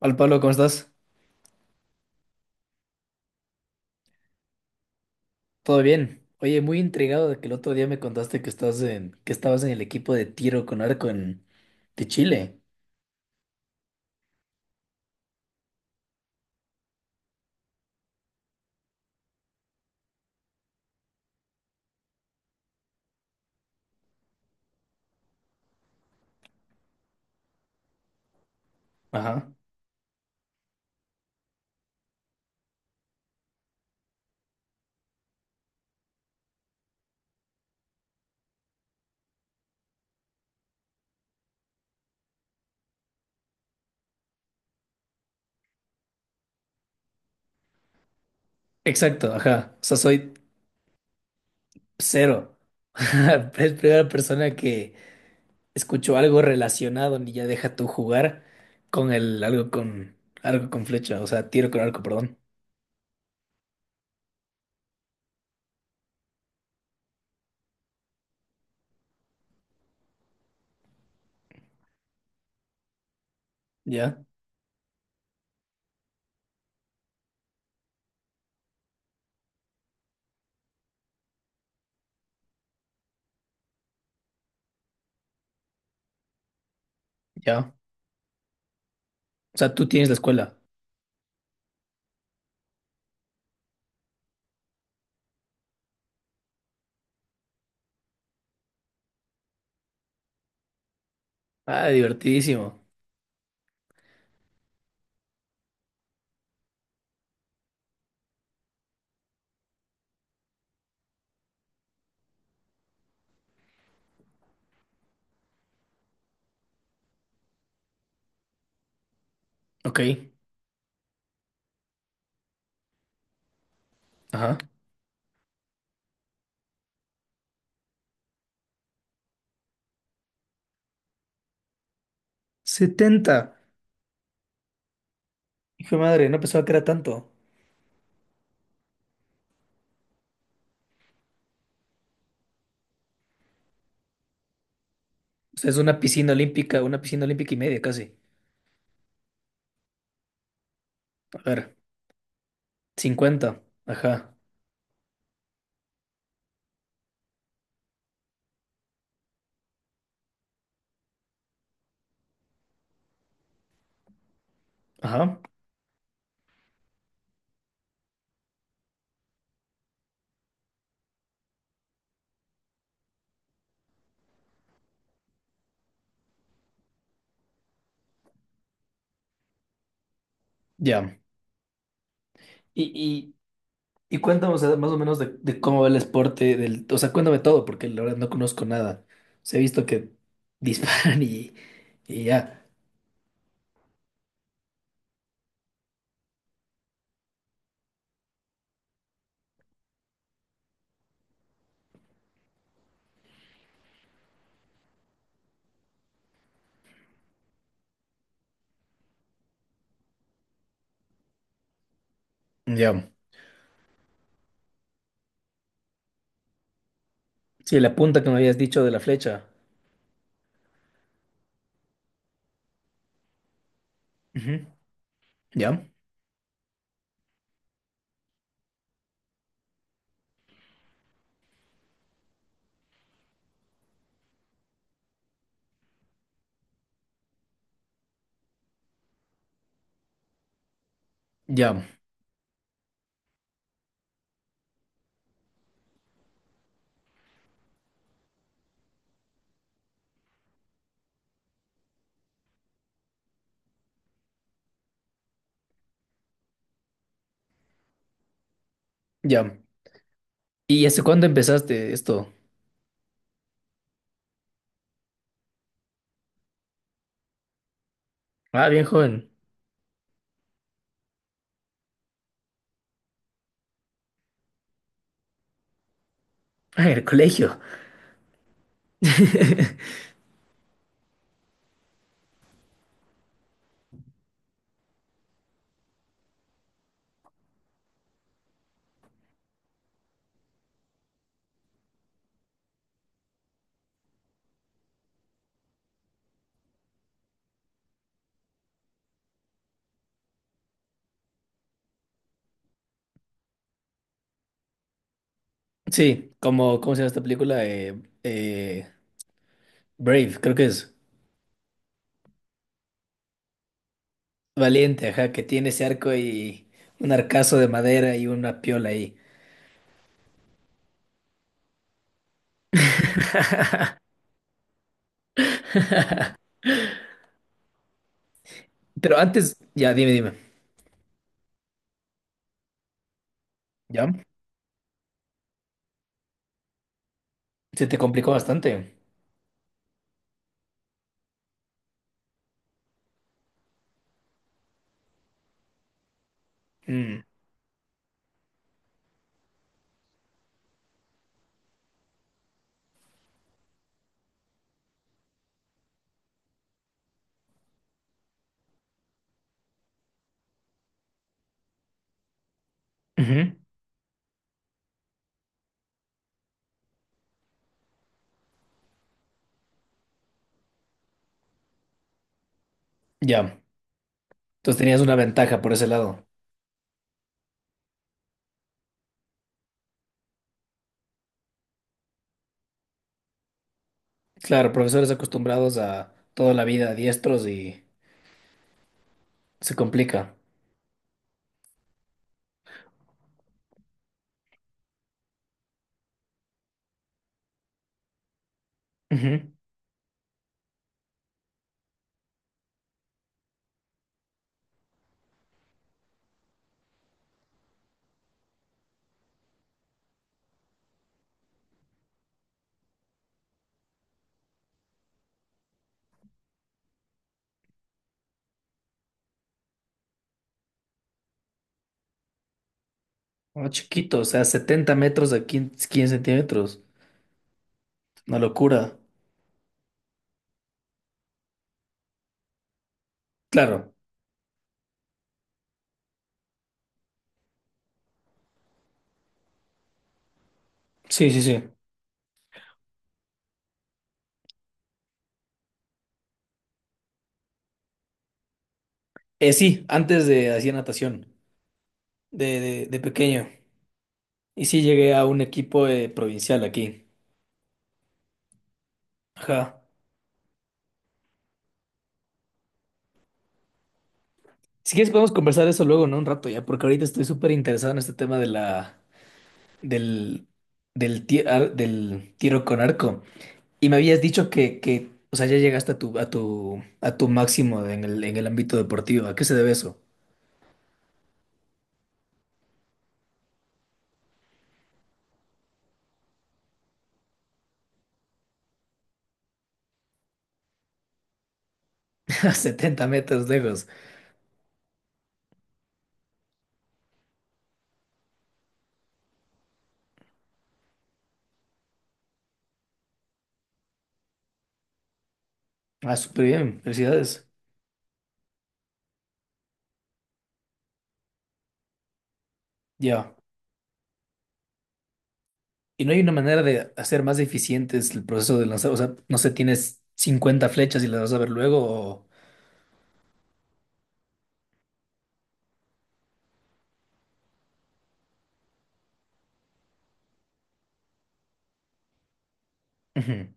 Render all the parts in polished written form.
Al Pablo, ¿cómo estás? ¿Todo bien? Oye, muy intrigado de que el otro día me contaste que estás en, que estabas en el equipo de tiro con arco en, de Chile. Ajá. Exacto, ajá. O sea, soy cero. Es primera persona que escucho algo relacionado, ni ya deja tú jugar con el algo con flecha, o sea, tiro con arco, perdón. Ya, ya. O sea, tú tienes la escuela. Ah, divertidísimo. Ok. Ajá. 70. Hijo de madre, no pensaba que era tanto. O sea, es una piscina olímpica y media casi. A ver, 50. Ajá, ajá, ya. Y, y, y cuéntame, o sea, más o menos de cómo va el esporte del... O sea, cuéntame todo, porque la verdad no conozco nada. Se he visto que disparan y, ya. Ya. Sí, la punta que me habías dicho de la flecha. Ujú. Ya, ya, ya. ¿Y hace cuándo empezaste esto? Ah, bien joven. Ah, en el colegio. Sí, como, ¿cómo se llama esta película? Eh, Brave, creo que es. Valiente, ajá, que tiene ese arco y un arcazo de madera y una piola ahí. Pero antes, ya, dime. ¿Ya? Se te complicó bastante. Mm, ujú, ya. Entonces tenías una ventaja por ese lado. Claro, profesores acostumbrados a toda la vida diestros y se complica. Ujú. Ah, chiquito, o sea, 70 metros a 15 centímetros. Una locura. Claro. Sí, sí, sí. Sí, antes de hacía natación, de pequeño. Y sí llegué a un equipo provincial aquí. Ajá. Si quieres podemos conversar eso luego, ¿no? Un rato ya, porque ahorita estoy súper interesado en este tema de la, del, del tiro con arco. Y me habías dicho o sea, ya llegaste a tu, a tu máximo en el ámbito deportivo. ¿A qué se debe eso? A 70 metros lejos. Ah, súper bien. Felicidades. Ya. ¿Y no hay una manera de hacer más eficiente el proceso de lanzar? O sea, no sé, tienes 50 flechas y las vas a ver luego o... Ujú.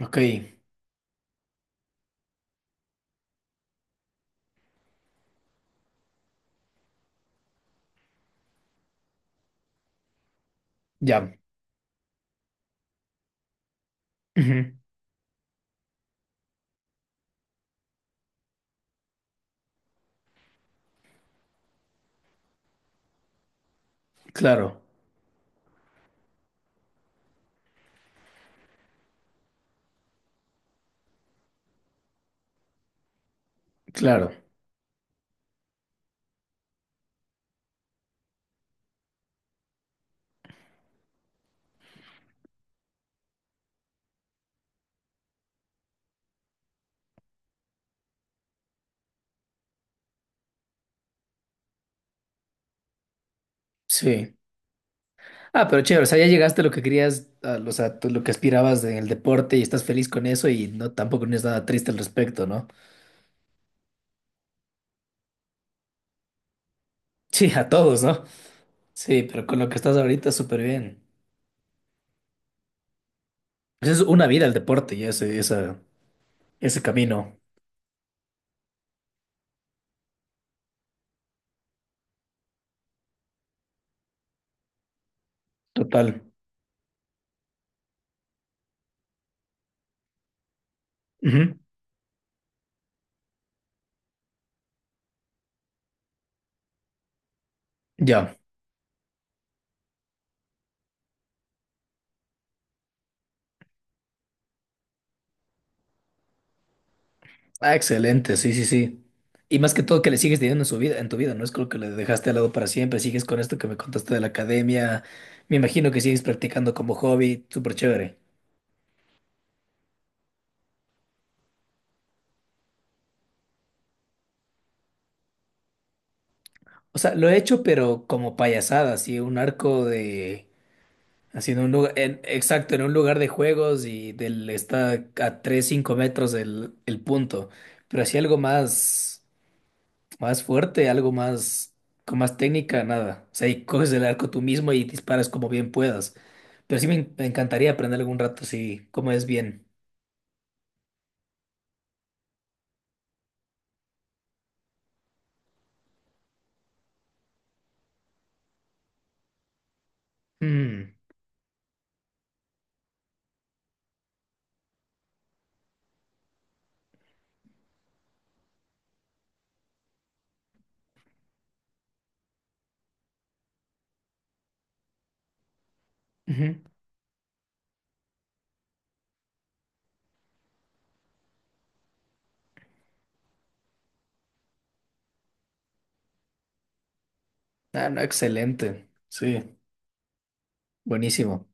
Ok. Ya. Ujú. Claro, claro. Sí. Ah, pero chévere, o sea, ya llegaste a lo que querías, a, o sea, tú lo que aspirabas en el deporte y estás feliz con eso y no tampoco no es nada triste al respecto, ¿no? Sí, a todos, ¿no? Sí, pero con lo que estás ahorita súper bien. Pues es una vida el deporte y ese, esa, ese camino total. Ujú. Ya. Ah, excelente, sí, sí, sí. Y más que todo que le sigues teniendo en su vida, en tu vida, no es como que le dejaste al lado para siempre, sigues con esto que me contaste de la academia, me imagino que sigues practicando como hobby, súper chévere. O sea, lo he hecho, pero como payasada, así, un arco de, así en un lugar, en- exacto, en un lugar de juegos y del, está a 3, 5 metros del el punto, pero así algo más. Más fuerte, algo más, con más técnica, nada. O sea, y coges el arco tú mismo y disparas como bien puedas. Pero sí me, en- me encantaría aprender algún rato así, cómo es bien. Mm, ujú. Ah, no, excelente. Sí, buenísimo.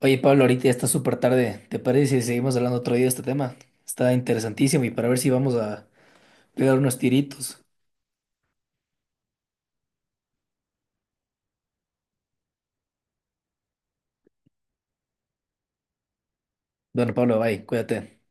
Oye, Pablo, ahorita ya está súper tarde. ¿Te parece si seguimos hablando otro día de este tema? Está interesantísimo y para ver si vamos a pegar unos tiritos. Bueno, Pablo, bye, cuídate.